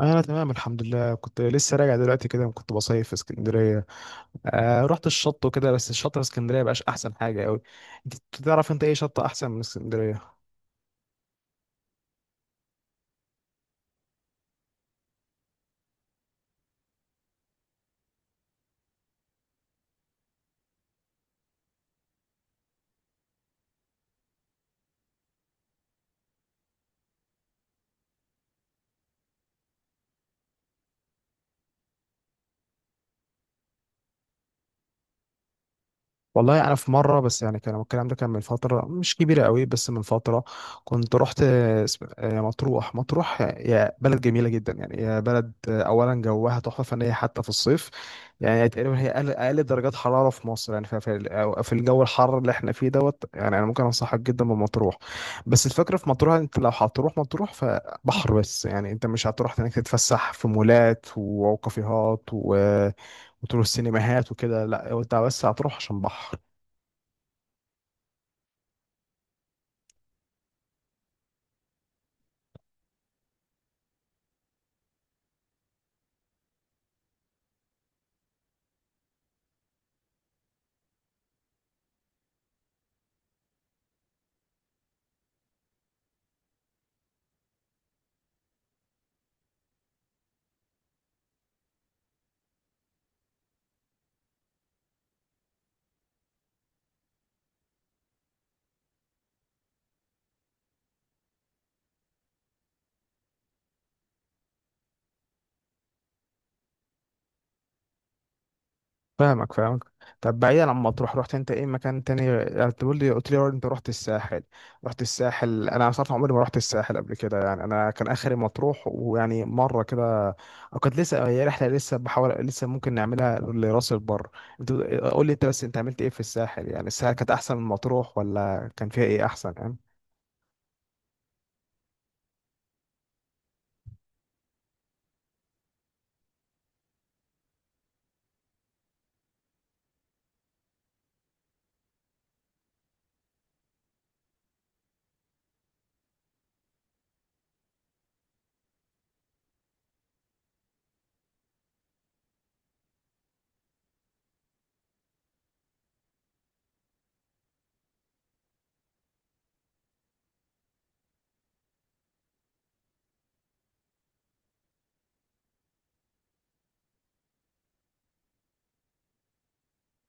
انا تمام الحمد لله. كنت لسه راجع دلوقتي كده، كنت بصيف في اسكندريه. آه، رحت الشط وكده، بس الشط في اسكندريه بقاش احسن حاجه قوي. انت تعرف انت ايه شط احسن من اسكندريه؟ والله انا في مره، بس يعني كان الكلام ده كان من فتره مش كبيره قوي بس من فتره. كنت رحت مطروح. مطروح يا بلد جميله جدا، يعني يا بلد اولا جوها تحفه فنيه حتى في الصيف. يعني تقريبا هي أقل درجات حراره في مصر، يعني في الجو الحر اللي احنا فيه دوت. يعني انا ممكن انصحك جدا بمطروح. بس الفكره في مطروح، انت لو هتروح مطروح فبحر بس، يعني انت مش هتروح هناك تتفسح في مولات وكافيهات و- وتروح سينماهات وكده، لا هو انت بس هتروح عشان بحر. فاهمك فاهمك. طب بعيدا عن مطروح، رحت انت ايه مكان تاني؟ يعني تقول لي قلت لي انت رحت الساحل. رحت الساحل، انا صراحه عمري ما رحت الساحل قبل كده، يعني انا كان اخري مطروح ويعني مره كده، وكانت لسه هي رحله، لسه بحاول، لسه ممكن نعملها لراس البر. انت قول لي، انت بس انت عملت ايه في الساحل؟ يعني الساحل كانت احسن من مطروح، ولا كان فيها ايه احسن يعني؟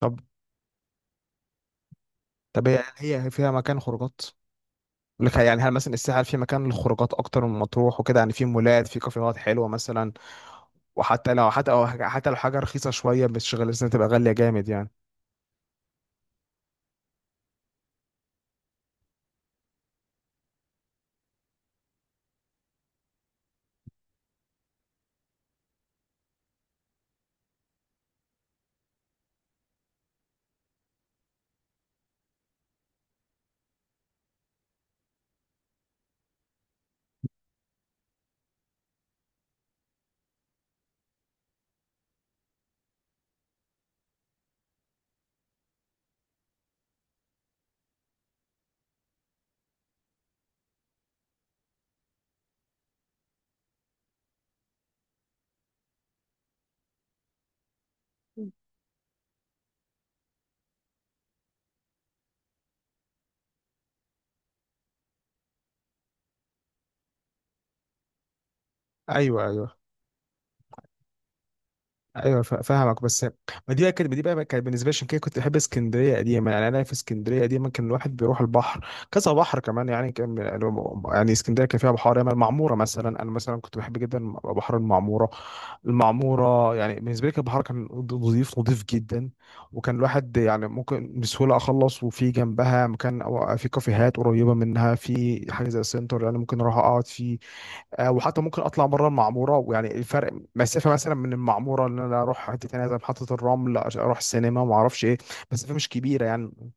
طب طب، هي فيها مكان خروجات؟ بقول لك يعني، هل مثلا الساحل في مكان للخروجات اكتر من مطروح وكده؟ يعني في مولات، في كافيهات حلوه مثلا؟ وحتى لو حتى أو حتى لو حاجه رخيصه شويه، مش غالية، لازم تبقى غاليه جامد يعني. ايوه، ايوه. ايوه فاهمك، بس ما دي بقى كانت دي بقى كانت بالنسبه لي. عشان كده كنت بحب اسكندريه قديما، يعني انا في اسكندريه قديما كان الواحد بيروح البحر كذا بحر كمان يعني كان. يعني اسكندريه كان فيها بحار، يعني المعموره مثلا، انا مثلا كنت بحب جدا بحر المعموره. المعمورة يعني بالنسبة لي كانت بحر كان نظيف نظيف جدا. وكان الواحد يعني ممكن بسهولة أخلص، وفي جنبها مكان، أو في كافيهات قريبة منها، في حاجة زي السنتر يعني ممكن أروح أقعد فيه. وحتى ممكن أطلع بره المعمورة، ويعني الفرق مسافة مثلا من المعمورة إن أنا أروح حتة تانية زي محطة الرمل عشان أروح السينما وما أعرفش إيه، مسافة مش كبيرة يعني.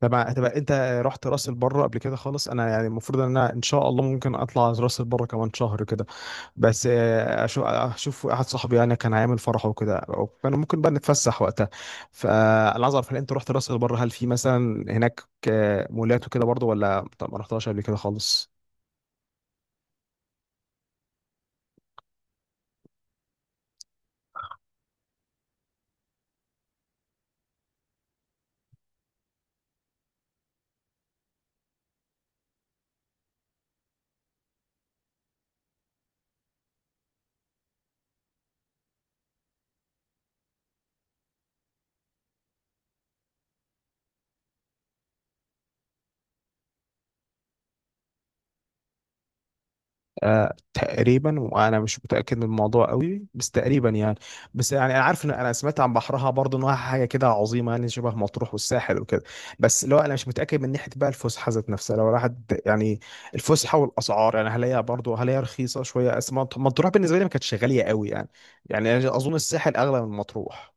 طبعا. تبقى أنت رحت راس البر قبل كده خالص؟ أنا يعني المفروض إن أنا إن شاء الله ممكن أطلع راس البر كمان شهر كده. بس اشوف واحد صاحبي يعني كان هيعمل فرح وكده، وكان ممكن بقى نتفسح وقتها. فانا عايز اعرف، هل انت رحت راس البر؟ هل في مثلا هناك مولات وكده برضه، ولا طب ما رحتهاش قبل كده خالص؟ آه تقريبا، وانا مش متاكد من الموضوع قوي بس تقريبا يعني. بس يعني انا عارف ان انا سمعت عن بحرها برضه انها حاجه كده عظيمه يعني، شبه مطروح والساحل وكده. بس لو انا مش متاكد من ناحيه بقى الفسحه ذات نفسها لو راحت يعني. الفسحه والاسعار يعني، هل هي رخيصه شويه؟ مطروح بالنسبه لي ما كانتش غاليه قوي يعني. يعني أنا اظن الساحل اغلى من مطروح.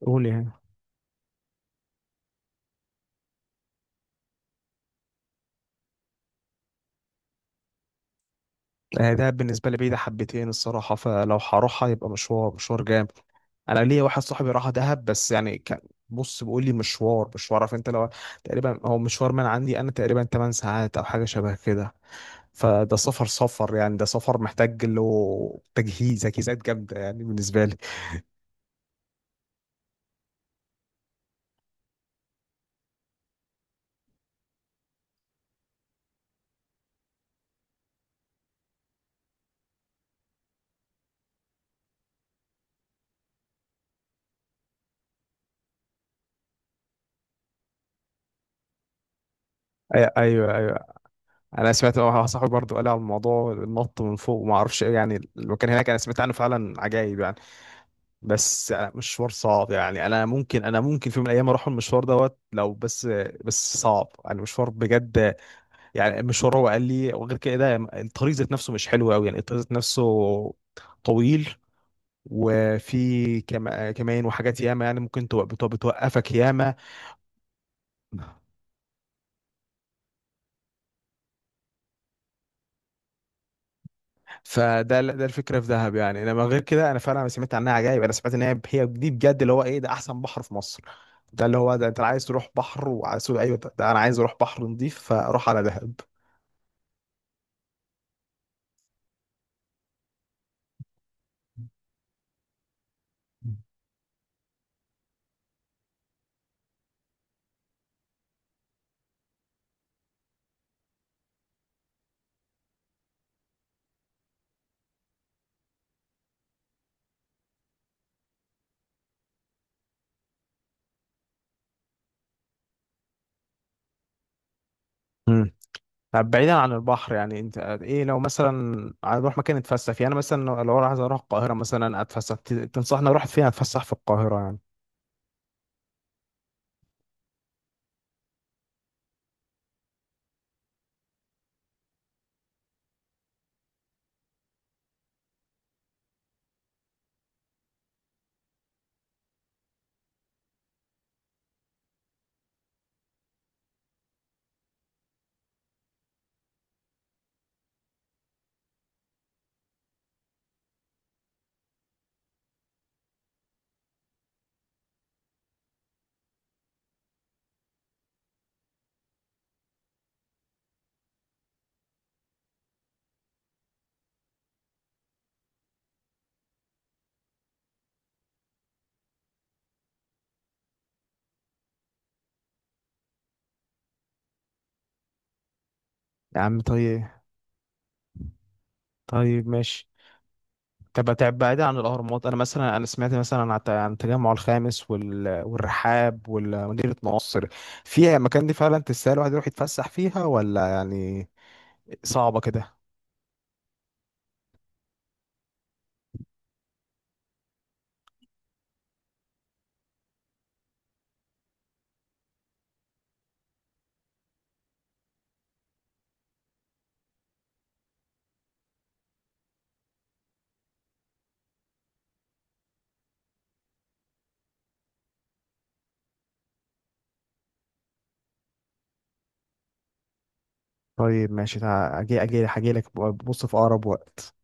قول يعني. ده بالنسبه لي بعيده حبتين الصراحه، فلو هروحها يبقى مشوار مشوار جامد. انا ليا واحد صاحبي راح دهب، بس يعني كان، بص بيقول لي مشوار مشوار. عارف انت، لو تقريبا هو مشوار من عندي انا تقريبا 8 ساعات او حاجه شبه كده. فده سفر سفر يعني، ده سفر محتاج له تجهيزات جامده يعني بالنسبه لي. ايوه ايوه. انا سمعت واحد صاحبي برضه قال لي على الموضوع، النط من فوق وما اعرفش ايه، يعني المكان هناك انا سمعت عنه فعلا عجايب يعني. بس يعني مشوار صعب يعني، انا ممكن في يوم من الايام اروح المشوار دوت لو بس. بس صعب يعني، مشوار بجد. يعني مش هو قال لي وغير كده الطريق ذات نفسه مش حلو قوي يعني، الطريق ذات نفسه طويل، وفي كمان وحاجات ياما، يعني ممكن بتوقفك ياما. فده الفكره في دهب يعني، انما غير كده انا فعلا سمعت عنها عجائب. انا سمعت ان هي دي بجد اللي هو ايه، ده احسن بحر في مصر. ده اللي هو ده انت عايز تروح بحر، وعايز، ايوه، ده انا عايز اروح بحر نظيف فاروح على دهب. طب بعيدا عن البحر يعني، انت ايه لو مثلا هنروح مكان نتفسح فيه؟ انا مثلا لو انا عايز اروح القاهره مثلا اتفسح، تنصحني اروح فين اتفسح في القاهره يعني؟ يا عم طيب. طيب ماشي. طب تعب بعيدا عن الاهرامات، انا مثلا انا سمعت مثلا عن التجمع الخامس، والرحاب ومدينه نصر. فيها المكان دي فعلا تستاهل الواحد يروح يتفسح فيها، ولا يعني صعبه كده؟ طيب ماشي. اجي اجي اجي لك، بص في اقرب وقت.